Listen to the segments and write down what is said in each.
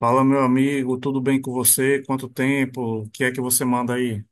Fala, meu amigo, tudo bem com você? Quanto tempo? O que é que você manda aí?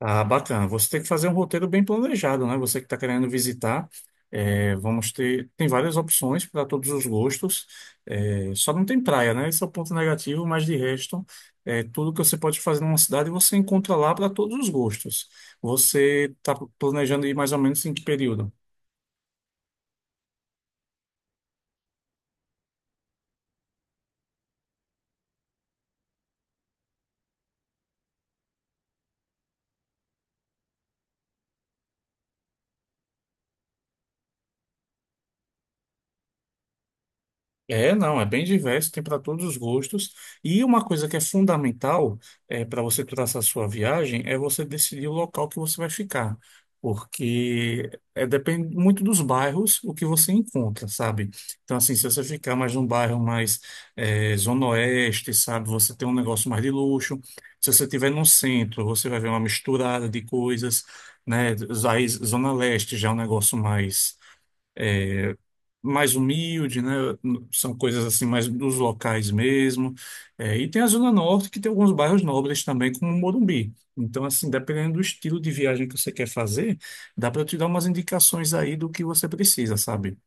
Ah, bacana. Você tem que fazer um roteiro bem planejado, né? Você que está querendo visitar, vamos ter. Tem várias opções para todos os gostos. É, só não tem praia, né? Esse é o ponto negativo, mas de resto, tudo que você pode fazer numa cidade você encontra lá para todos os gostos. Você está planejando ir mais ou menos em que período? É, não, é bem diverso, tem para todos os gostos. E uma coisa que é fundamental para você traçar sua viagem é você decidir o local que você vai ficar, porque depende muito dos bairros o que você encontra, sabe? Então, assim, se você ficar mais num bairro mais zona oeste, sabe, você tem um negócio mais de luxo. Se você estiver no centro, você vai ver uma misturada de coisas, né? Aí, zona leste já é um negócio mais humilde, né? São coisas assim mais dos locais mesmo. É, e tem a Zona Norte que tem alguns bairros nobres também, como Morumbi. Então, assim, dependendo do estilo de viagem que você quer fazer, dá para te dar umas indicações aí do que você precisa, sabe?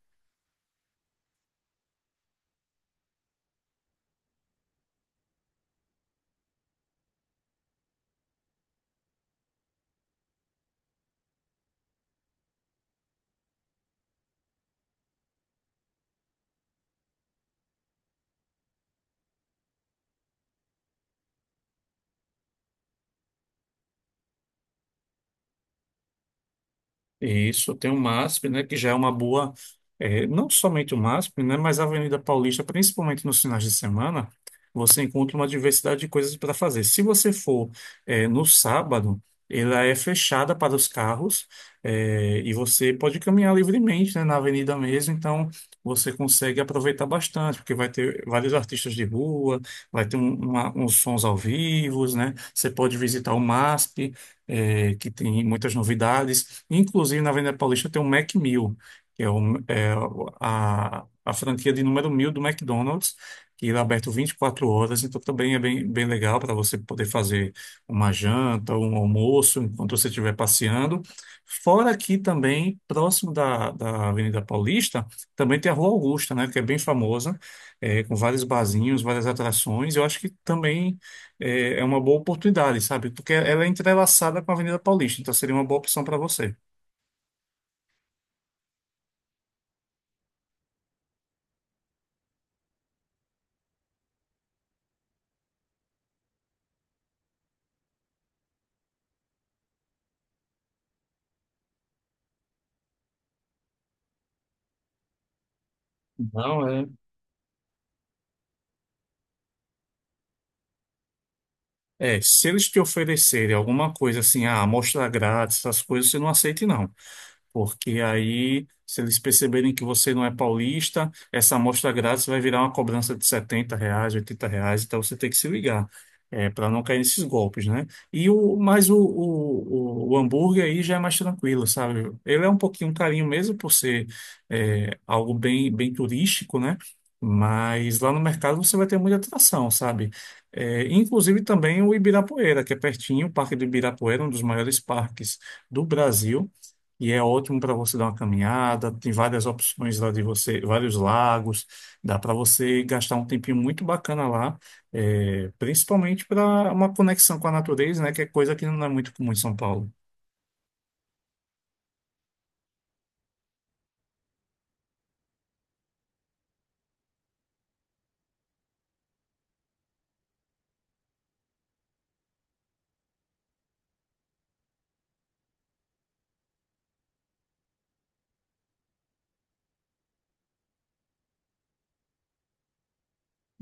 Isso, tem o MASP, né, que já é uma boa, não somente o MASP, né, mas a Avenida Paulista, principalmente nos finais de semana, você encontra uma diversidade de coisas para fazer. Se você for, no sábado, ela é fechada para os carros, e você pode caminhar livremente, né, na avenida mesmo, então você consegue aproveitar bastante, porque vai ter vários artistas de rua, vai ter uns sons ao vivo, né, você pode visitar o MASP, que tem muitas novidades. Inclusive, na Avenida Paulista tem o Mac 1000, que é, é a franquia de número 1000 do McDonald's, que ele é aberto 24 horas, então também é bem, bem legal para você poder fazer uma janta, um almoço, enquanto você estiver passeando. Fora aqui também, próximo da Avenida Paulista, também tem a Rua Augusta, né, que é bem famosa, é, com vários barzinhos, várias atrações. Eu acho que também é uma boa oportunidade, sabe? Porque ela é entrelaçada com a Avenida Paulista, então seria uma boa opção para você. Não é. É, se eles te oferecerem alguma coisa assim, ah, amostra grátis, essas coisas, você não aceite, não. Porque aí, se eles perceberem que você não é paulista, essa amostra grátis vai virar uma cobrança de R$ 70, R$ 80, então você tem que se ligar, para não cair nesses golpes, né? Mas o hambúrguer aí já é mais tranquilo, sabe? Ele é um pouquinho um carinho mesmo por ser algo bem, bem turístico, né? Mas lá no mercado você vai ter muita atração, sabe? É, inclusive também o Ibirapuera, que é pertinho, o Parque do Ibirapuera, um dos maiores parques do Brasil. E é ótimo para você dar uma caminhada, tem várias opções lá de você, vários lagos, dá para você gastar um tempinho muito bacana lá, principalmente para uma conexão com a natureza, né, que é coisa que não é muito comum em São Paulo.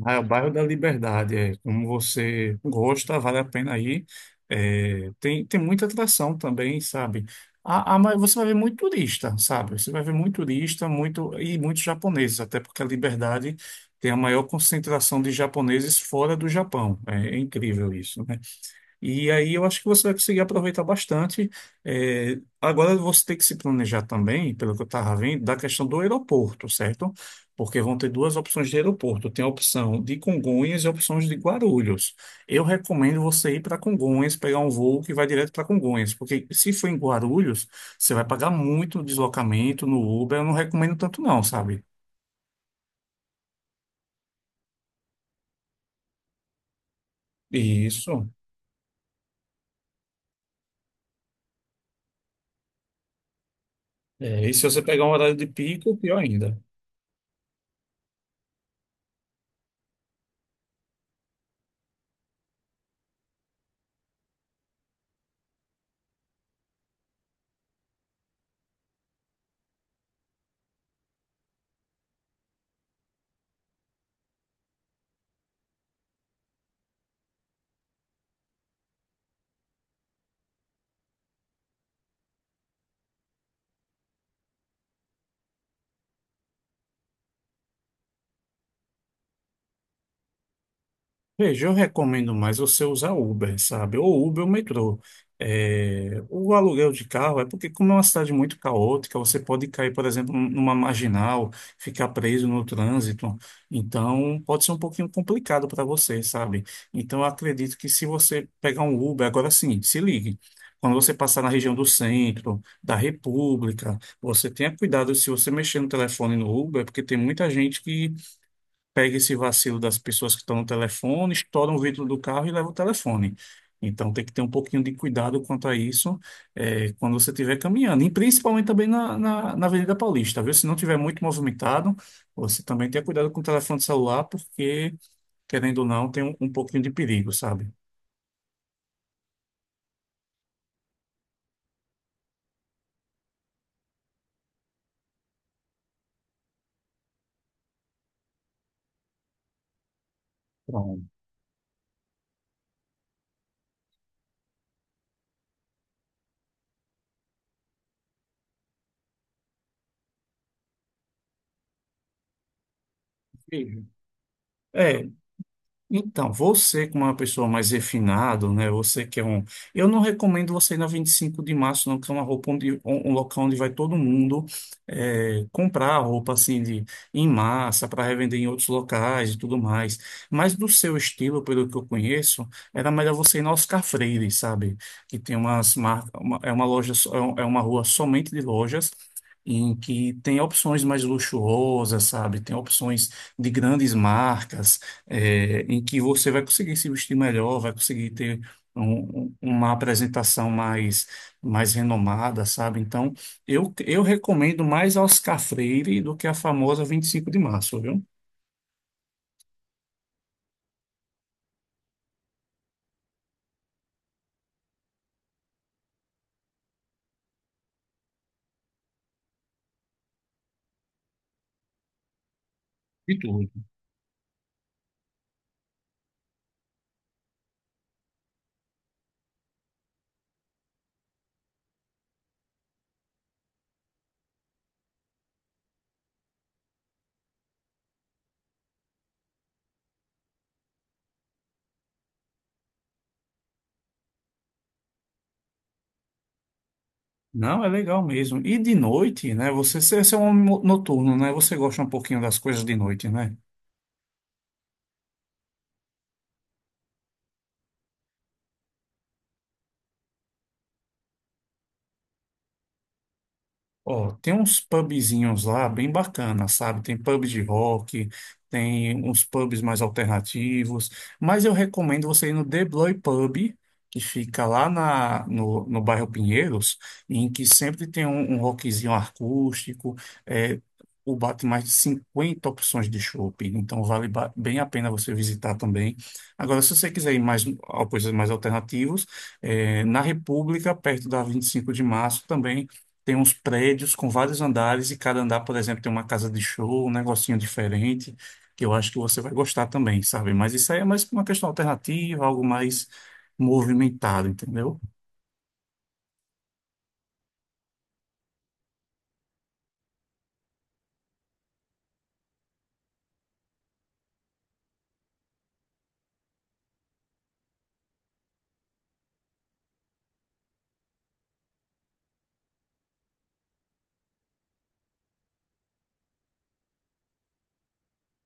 Ah, é o bairro da Liberdade, é. Como você gosta, vale a pena ir. É, tem muita atração também, sabe? Você vai ver muito turista, sabe? Você vai ver muito turista, muito e muitos japoneses, até porque a Liberdade tem a maior concentração de japoneses fora do Japão. É, é incrível isso, né? E aí eu acho que você vai conseguir aproveitar bastante. É, agora você tem que se planejar também, pelo que eu estava vendo, da questão do aeroporto, certo? Porque vão ter duas opções de aeroporto. Tem a opção de Congonhas e a opção de Guarulhos. Eu recomendo você ir para Congonhas, pegar um voo que vai direto para Congonhas, porque se for em Guarulhos, você vai pagar muito deslocamento no Uber. Eu não recomendo tanto não, sabe? Isso. É, e se você pegar um horário de pico, pior ainda. Veja, eu recomendo mais você usar Uber, sabe? Ou Uber ou metrô. É, o aluguel de carro é porque, como é uma cidade muito caótica, você pode cair, por exemplo, numa marginal, ficar preso no trânsito. Então, pode ser um pouquinho complicado para você, sabe? Então, eu acredito que se você pegar um Uber, agora sim, se ligue. Quando você passar na região do centro, da República, você tenha cuidado se você mexer no telefone no Uber, porque tem muita gente que pega esse vacilo das pessoas que estão no telefone, estoura o vidro do carro e leva o telefone. Então tem que ter um pouquinho de cuidado quanto a isso quando você estiver caminhando, e principalmente também na Avenida Paulista, viu? Se não tiver muito movimentado, você também tenha cuidado com o telefone celular, porque, querendo ou não, tem um pouquinho de perigo, sabe? Pronto. É, então, você como uma pessoa mais refinada, né? Você que é um... Eu não recomendo você ir na 25 de março, não, que é uma roupa onde... Um local onde vai todo mundo comprar roupa, assim, de... em massa, para revender em outros locais e tudo mais. Mas do seu estilo, pelo que eu conheço, era melhor você ir na Oscar Freire, sabe? Que tem umas marcas... Uma... É uma loja... É é uma rua somente de lojas, em que tem opções mais luxuosas, sabe? Tem opções de grandes marcas, é, em que você vai conseguir se vestir melhor, vai conseguir ter uma apresentação mais, mais renomada, sabe? Então, eu recomendo mais a Oscar Freire do que a famosa 25 de março, viu? De tudo. Não, é legal mesmo. E de noite, né? Você é um homem noturno, né? Você gosta um pouquinho das coisas de noite, né? Ó, tem uns pubzinhos lá bem bacanas, sabe? Tem pub de rock, tem uns pubs mais alternativos, mas eu recomendo você ir no The Bloy Pub, que fica lá na, no, no bairro Pinheiros, em que sempre tem um rockzinho acústico, é, o bar tem mais de 50 opções de chopp, então vale bem a pena você visitar também. Agora, se você quiser ir mais a coisas mais alternativas, é, na República, perto da 25 de março também, tem uns prédios com vários andares e cada andar, por exemplo, tem uma casa de show, um negocinho diferente, que eu acho que você vai gostar também, sabe? Mas isso aí é mais uma questão alternativa, algo mais movimentado, entendeu?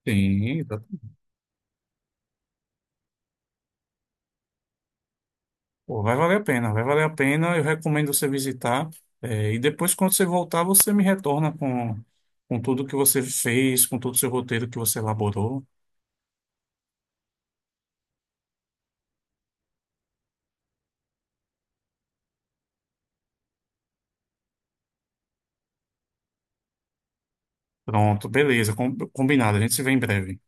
Sim, exato. Pô, vai valer a pena, vai valer a pena. Eu recomendo você visitar. É, e depois, quando você voltar, você me retorna com tudo que você fez, com todo o seu roteiro que você elaborou. Pronto, beleza, combinado. A gente se vê em breve.